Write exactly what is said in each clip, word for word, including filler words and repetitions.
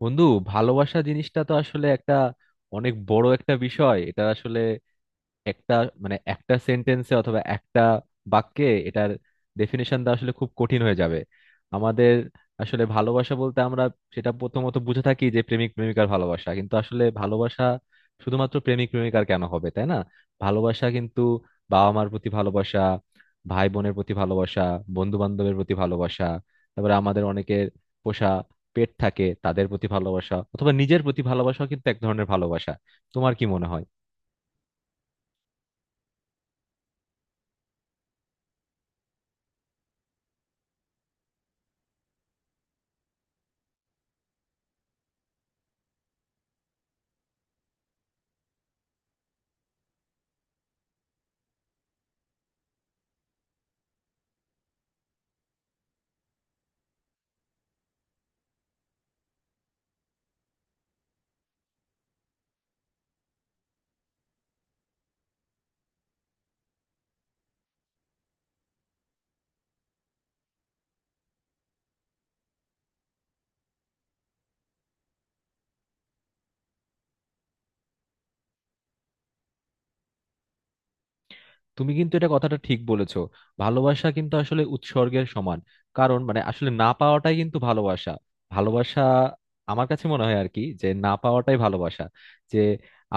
বন্ধু, ভালোবাসা জিনিসটা তো আসলে একটা অনেক বড় একটা বিষয়। এটা আসলে একটা, মানে একটা সেন্টেন্সে অথবা একটা বাক্যে এটার ডেফিনেশন দেওয়া আসলে খুব কঠিন হয়ে যাবে। আমাদের আসলে ভালোবাসা বলতে আমরা সেটা প্রথমত বুঝে থাকি যে প্রেমিক প্রেমিকার ভালোবাসা, কিন্তু আসলে ভালোবাসা শুধুমাত্র প্রেমিক প্রেমিকার কেন হবে, তাই না? ভালোবাসা কিন্তু বাবা মার প্রতি ভালোবাসা, ভাই বোনের প্রতি ভালোবাসা, বন্ধু বান্ধবের প্রতি ভালোবাসা। তারপরে আমাদের অনেকের পোষা পেট থাকে, তাদের প্রতি ভালোবাসা, অথবা নিজের প্রতি ভালোবাসাও কিন্তু এক ধরনের ভালোবাসা। তোমার কি মনে হয়? তুমি কিন্তু এটা কথাটা ঠিক বলেছো। ভালোবাসা কিন্তু আসলে উৎসর্গের সমান। কারণ, মানে আসলে না পাওয়াটাই কিন্তু ভালোবাসা। ভালোবাসা আমার কাছে মনে হয় আর কি, যে না পাওয়াটাই ভালোবাসা। যে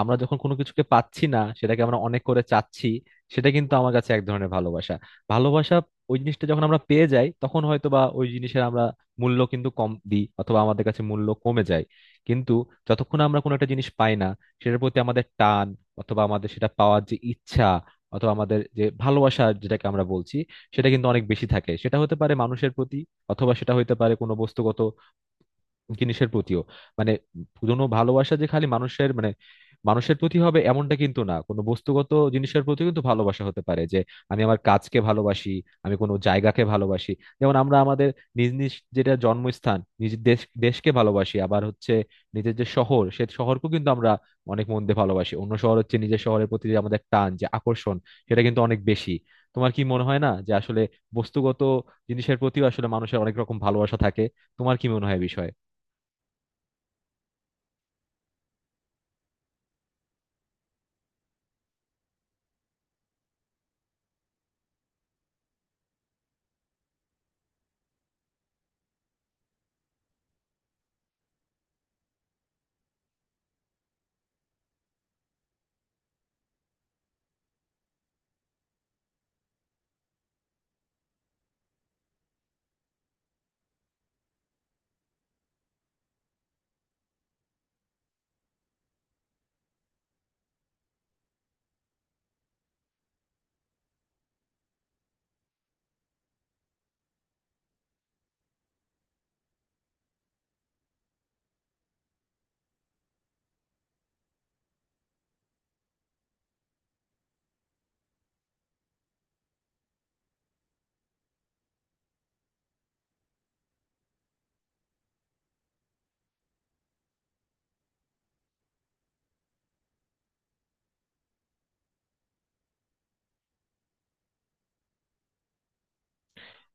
আমরা যখন কোনো কিছুকে পাচ্ছি না, সেটাকে আমরা অনেক করে চাচ্ছি, সেটা কিন্তু আমার কাছে এক ধরনের ভালোবাসা। ভালোবাসা ওই জিনিসটা যখন আমরা পেয়ে যাই, তখন হয়তো বা ওই জিনিসের আমরা মূল্য কিন্তু কম দিই, অথবা আমাদের কাছে মূল্য কমে যায়। কিন্তু যতক্ষণ আমরা কোনো একটা জিনিস পাই না, সেটার প্রতি আমাদের টান, অথবা আমাদের সেটা পাওয়ার যে ইচ্ছা, অথবা আমাদের যে ভালোবাসা যেটাকে আমরা বলছি, সেটা কিন্তু অনেক বেশি থাকে। সেটা হতে পারে মানুষের প্রতি, অথবা সেটা হতে পারে কোনো বস্তুগত জিনিসের প্রতিও। মানে কোনো ভালোবাসা যে খালি মানুষের, মানে মানুষের প্রতি হবে এমনটা কিন্তু না, কোনো বস্তুগত জিনিসের প্রতি কিন্তু ভালোবাসা হতে পারে। যে আমি আমার কাজকে ভালোবাসি, আমি কোনো জায়গাকে ভালোবাসি। যেমন আমরা আমাদের নিজ নিজ যেটা জন্মস্থান, নিজ দেশ দেশকে ভালোবাসি। আবার হচ্ছে নিজের যে শহর, সে শহরকেও কিন্তু আমরা অনেক মন দিয়ে ভালোবাসি। অন্য শহর হচ্ছে, নিজের শহরের প্রতি যে আমাদের টান, যে আকর্ষণ, সেটা কিন্তু অনেক বেশি। তোমার কি মনে হয় না যে আসলে বস্তুগত জিনিসের প্রতিও আসলে মানুষের অনেক রকম ভালোবাসা থাকে? তোমার কি মনে হয় এ বিষয়ে?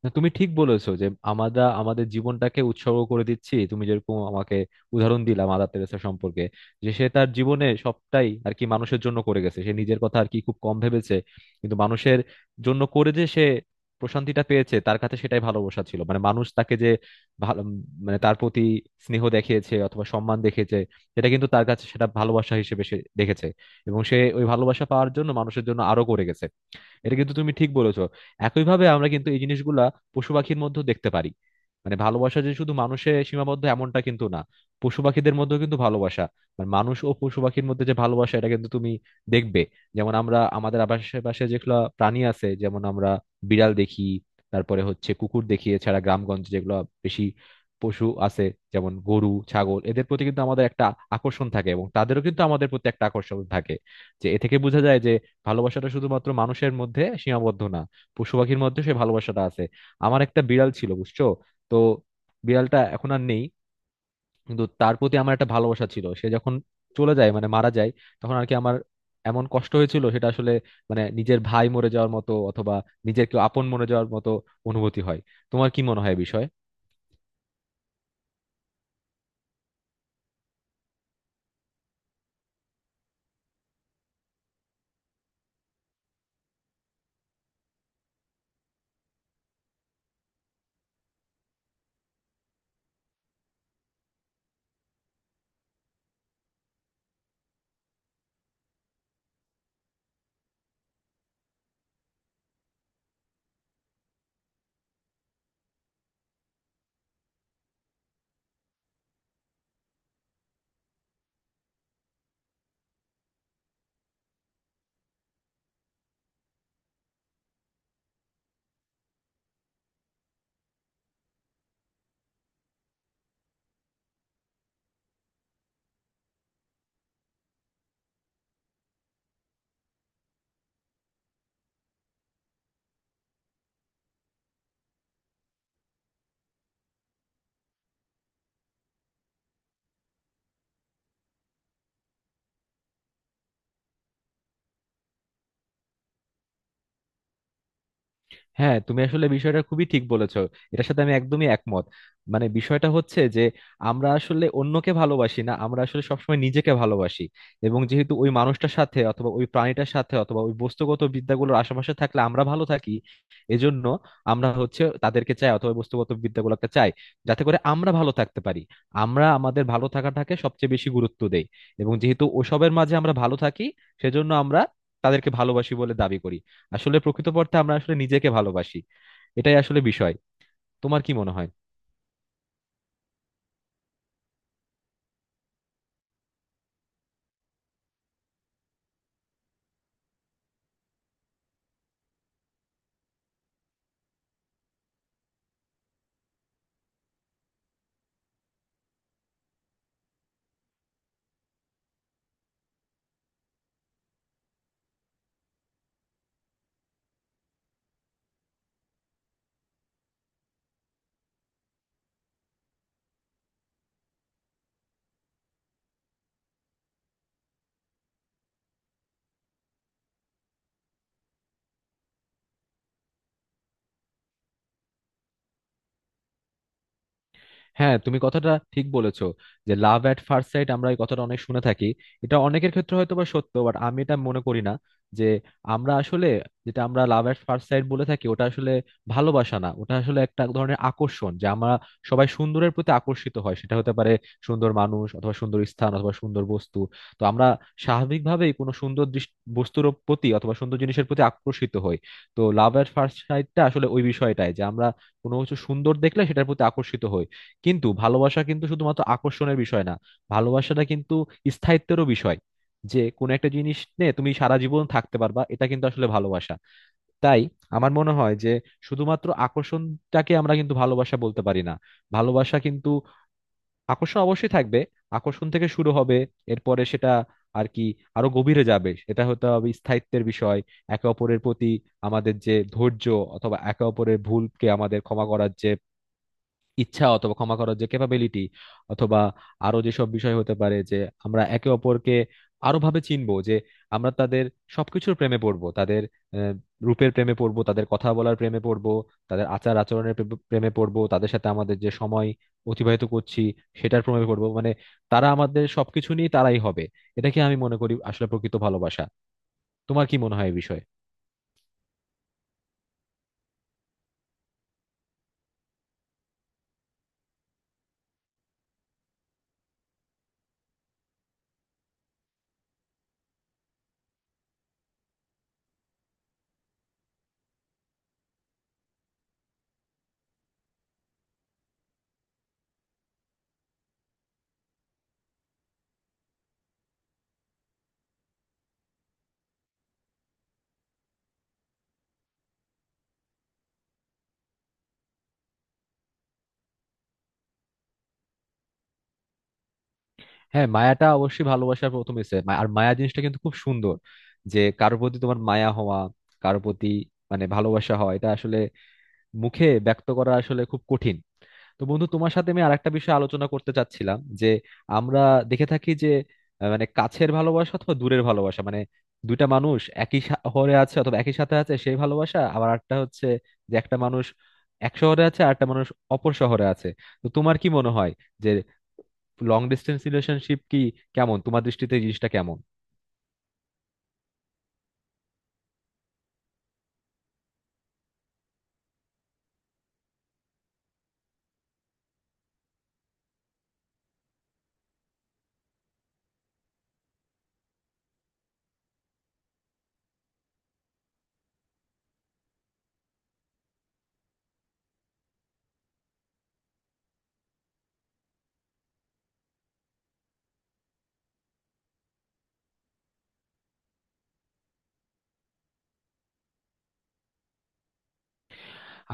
না, তুমি ঠিক বলেছো যে আমরা আমাদের জীবনটাকে উৎসর্গ করে দিচ্ছি। তুমি যেরকম আমাকে উদাহরণ দিলা মাদার তেরেসা সম্পর্কে, যে সে তার জীবনে সবটাই আর কি মানুষের জন্য করে গেছে, সে নিজের কথা আর কি খুব কম ভেবেছে। কিন্তু মানুষের জন্য করে যে সে প্রশান্তিটা পেয়েছে, তার কাছে সেটাই ভালোবাসা ছিল। মানে মানুষ তাকে যে ভালো, মানে তার প্রতি স্নেহ দেখিয়েছে অথবা সম্মান দেখিয়েছে, সেটা কিন্তু তার কাছে, সেটা ভালোবাসা হিসেবে সে দেখেছে। এবং সে ওই ভালোবাসা পাওয়ার জন্য মানুষের জন্য আরো করে গেছে। এটা কিন্তু তুমি ঠিক বলেছো। একইভাবে আমরা কিন্তু এই জিনিসগুলা পশু পাখির মধ্যেও দেখতে পারি। মানে ভালোবাসা যে শুধু মানুষে সীমাবদ্ধ এমনটা কিন্তু না, পশু পাখিদের মধ্যেও কিন্তু ভালোবাসা, মানে মানুষ ও পশু পাখির মধ্যে যে ভালোবাসা, এটা কিন্তু তুমি দেখবে। যেমন আমরা আমাদের আশেপাশে যেগুলো প্রাণী আছে, যেমন আমরা বিড়াল দেখি, তারপরে হচ্ছে কুকুর দেখি, এছাড়া গ্রামগঞ্জে যেগুলো বেশি পশু আছে, যেমন গরু ছাগল, এদের প্রতি কিন্তু আমাদের একটা আকর্ষণ থাকে, এবং তাদেরও কিন্তু আমাদের প্রতি একটা আকর্ষণ থাকে। যে এ থেকে বোঝা যায় যে ভালোবাসাটা শুধুমাত্র মানুষের মধ্যে সীমাবদ্ধ না, পশু পাখির মধ্যে সে ভালোবাসাটা আছে। আমার একটা বিড়াল ছিল, বুঝছো। তো বিড়ালটা এখন আর নেই, কিন্তু তার প্রতি আমার একটা ভালোবাসা ছিল। সে যখন চলে যায়, মানে মারা যায়, তখন আর কি আমার এমন কষ্ট হয়েছিল, সেটা আসলে মানে নিজের ভাই মরে যাওয়ার মতো, অথবা নিজের কেউ আপন মরে যাওয়ার মতো অনুভূতি হয়। তোমার কি মনে হয় বিষয়ে? হ্যাঁ, তুমি আসলে বিষয়টা খুবই ঠিক বলেছো। এটার সাথে আমি একদমই একমত। মানে বিষয়টা হচ্ছে যে আমরা আসলে অন্যকে ভালোবাসি না, আমরা আসলে সবসময় নিজেকে ভালোবাসি। এবং যেহেতু ওই মানুষটার সাথে, অথবা ওই প্রাণীটার সাথে, অথবা ওই বস্তুগত বিদ্যাগুলোর আশেপাশে থাকলে আমরা ভালো থাকি, এজন্য আমরা হচ্ছে তাদেরকে চাই, অথবা ওই বস্তুগত বিদ্যাগুলোকে চাই, যাতে করে আমরা ভালো থাকতে পারি। আমরা আমাদের ভালো থাকাটাকে সবচেয়ে বেশি গুরুত্ব দেই, এবং যেহেতু ওসবের মাঝে আমরা ভালো থাকি, সেজন্য আমরা তাদেরকে ভালোবাসি বলে দাবি করি। আসলে প্রকৃতপক্ষে আমরা আসলে নিজেকে ভালোবাসি। এটাই আসলে বিষয়। তোমার কি মনে হয়? হ্যাঁ, তুমি কথাটা ঠিক বলেছো যে লাভ অ্যাট ফার্স্ট সাইট আমরা এই কথাটা অনেক শুনে থাকি। এটা অনেকের ক্ষেত্রে হয়তো বা সত্য, বাট আমি এটা মনে করি না। যে আমরা আসলে, যেটা আমরা লাভ অ্যাট ফার্স্ট সাইট বলে থাকি, ওটা আসলে ভালোবাসা না, ওটা আসলে একটা ধরনের আকর্ষণ। যে আমরা সবাই সুন্দরের প্রতি আকর্ষিত হয়, সেটা হতে পারে সুন্দর মানুষ, অথবা সুন্দর স্থান, অথবা সুন্দর বস্তু। তো আমরা স্বাভাবিকভাবেই কোনো সুন্দর দৃশ- বস্তুর প্রতি, অথবা সুন্দর জিনিসের প্রতি আকর্ষিত হই। তো লাভ অ্যাট ফার্স্ট সাইটটা আসলে ওই বিষয়টাই যে আমরা কোনো কিছু সুন্দর দেখলে সেটার প্রতি আকর্ষিত হই। কিন্তু ভালোবাসা কিন্তু শুধুমাত্র আকর্ষণের বিষয় না, ভালোবাসাটা কিন্তু স্থায়িত্বেরও বিষয়। যে কোনো একটা জিনিস নিয়ে তুমি সারা জীবন থাকতে পারবা, এটা কিন্তু আসলে ভালোবাসা। তাই আমার মনে হয় যে শুধুমাত্র আকর্ষণটাকে আমরা কিন্তু ভালোবাসা বলতে পারি না। ভালোবাসা কিন্তু, আকর্ষণ অবশ্যই থাকবে, আকর্ষণ থেকে শুরু হবে, এরপরে সেটা আর কি আরো গভীরে যাবে, এটা হতে হবে স্থায়িত্বের বিষয়। একে অপরের প্রতি আমাদের যে ধৈর্য, অথবা একে অপরের ভুলকে আমাদের ক্ষমা করার যে ইচ্ছা, অথবা ক্ষমা করার যে ক্যাপাবিলিটি, অথবা আরো যেসব বিষয় হতে পারে, যে আমরা একে অপরকে আরো ভাবে চিনবো, যে আমরা তাদের সবকিছুর প্রেমে পড়বো, তাদের আহ, রূপের প্রেমে পড়বো, তাদের কথা বলার প্রেমে পড়বো, তাদের আচার আচরণের প্রে- প্রেমে পড়বো, তাদের সাথে আমাদের যে সময় অতিবাহিত করছি সেটার প্রেমে পড়বো। মানে তারা আমাদের সবকিছু নিয়ে তারাই হবে, এটাকে আমি মনে করি আসলে প্রকৃত ভালোবাসা। তোমার কি মনে হয় এই বিষয়ে? হ্যাঁ, মায়াটা অবশ্যই ভালোবাসার প্রথম স্টেপ, আর মায়া জিনিসটা কিন্তু খুব সুন্দর। যে কারোর প্রতি তোমার মায়া হওয়া, কারোর প্রতি মানে ভালোবাসা হওয়া, এটা আসলে মুখে ব্যক্ত করা আসলে খুব কঠিন। তো বন্ধু, তোমার সাথে আমি আরেকটা বিষয় আলোচনা করতে চাচ্ছিলাম, যে আমরা দেখে থাকি যে আহ, মানে কাছের ভালোবাসা অথবা দূরের ভালোবাসা, মানে দুইটা মানুষ একই শা- শহরে আছে, অথবা একই সাথে আছে, সেই ভালোবাসা, আবার একটা হচ্ছে যে একটা মানুষ এক শহরে আছে আর একটা মানুষ অপর শহরে আছে। তো তোমার কি মনে হয় যে লং ডিস্টেন্স রিলেশনশিপ কি, কেমন, তোমার দৃষ্টিতে এই জিনিসটা কেমন?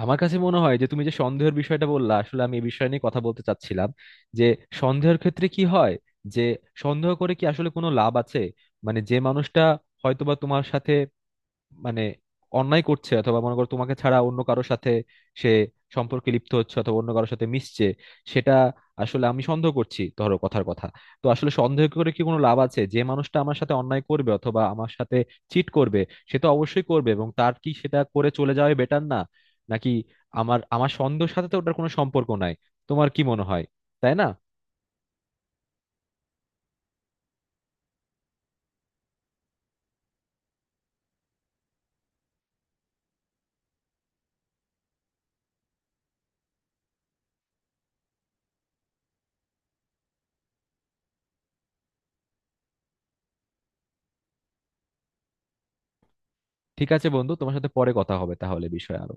আমার কাছে মনে হয় যে তুমি যে সন্দেহের বিষয়টা বললা, আসলে আমি এই বিষয় নিয়ে কথা বলতে চাচ্ছিলাম। যে সন্দেহের ক্ষেত্রে কি হয়, যে সন্দেহ করে কি আসলে কোনো লাভ আছে? মানে যে মানুষটা হয়তোবা তোমার সাথে, মানে অন্যায় করছে, অথবা মনে করো তোমাকে ছাড়া অন্য কারোর সাথে সে সম্পর্কে লিপ্ত হচ্ছে, অথবা অন্য কারোর সাথে মিশছে, সেটা আসলে আমি সন্দেহ করছি, ধরো কথার কথা। তো আসলে সন্দেহ করে কি কোনো লাভ আছে? যে মানুষটা আমার সাথে অন্যায় করবে, অথবা আমার সাথে চিট করবে, সে তো অবশ্যই করবে। এবং তার কি সেটা করে চলে যাওয়াই বেটার না? নাকি আমার আমার সন্দেহের সাথে তো ওটার কোনো সম্পর্ক নাই। তোমার কি মনে হয়, তাই না? ঠিক আছে বন্ধু, তোমার সাথে পরে কথা হবে তাহলে বিষয়ে আরো।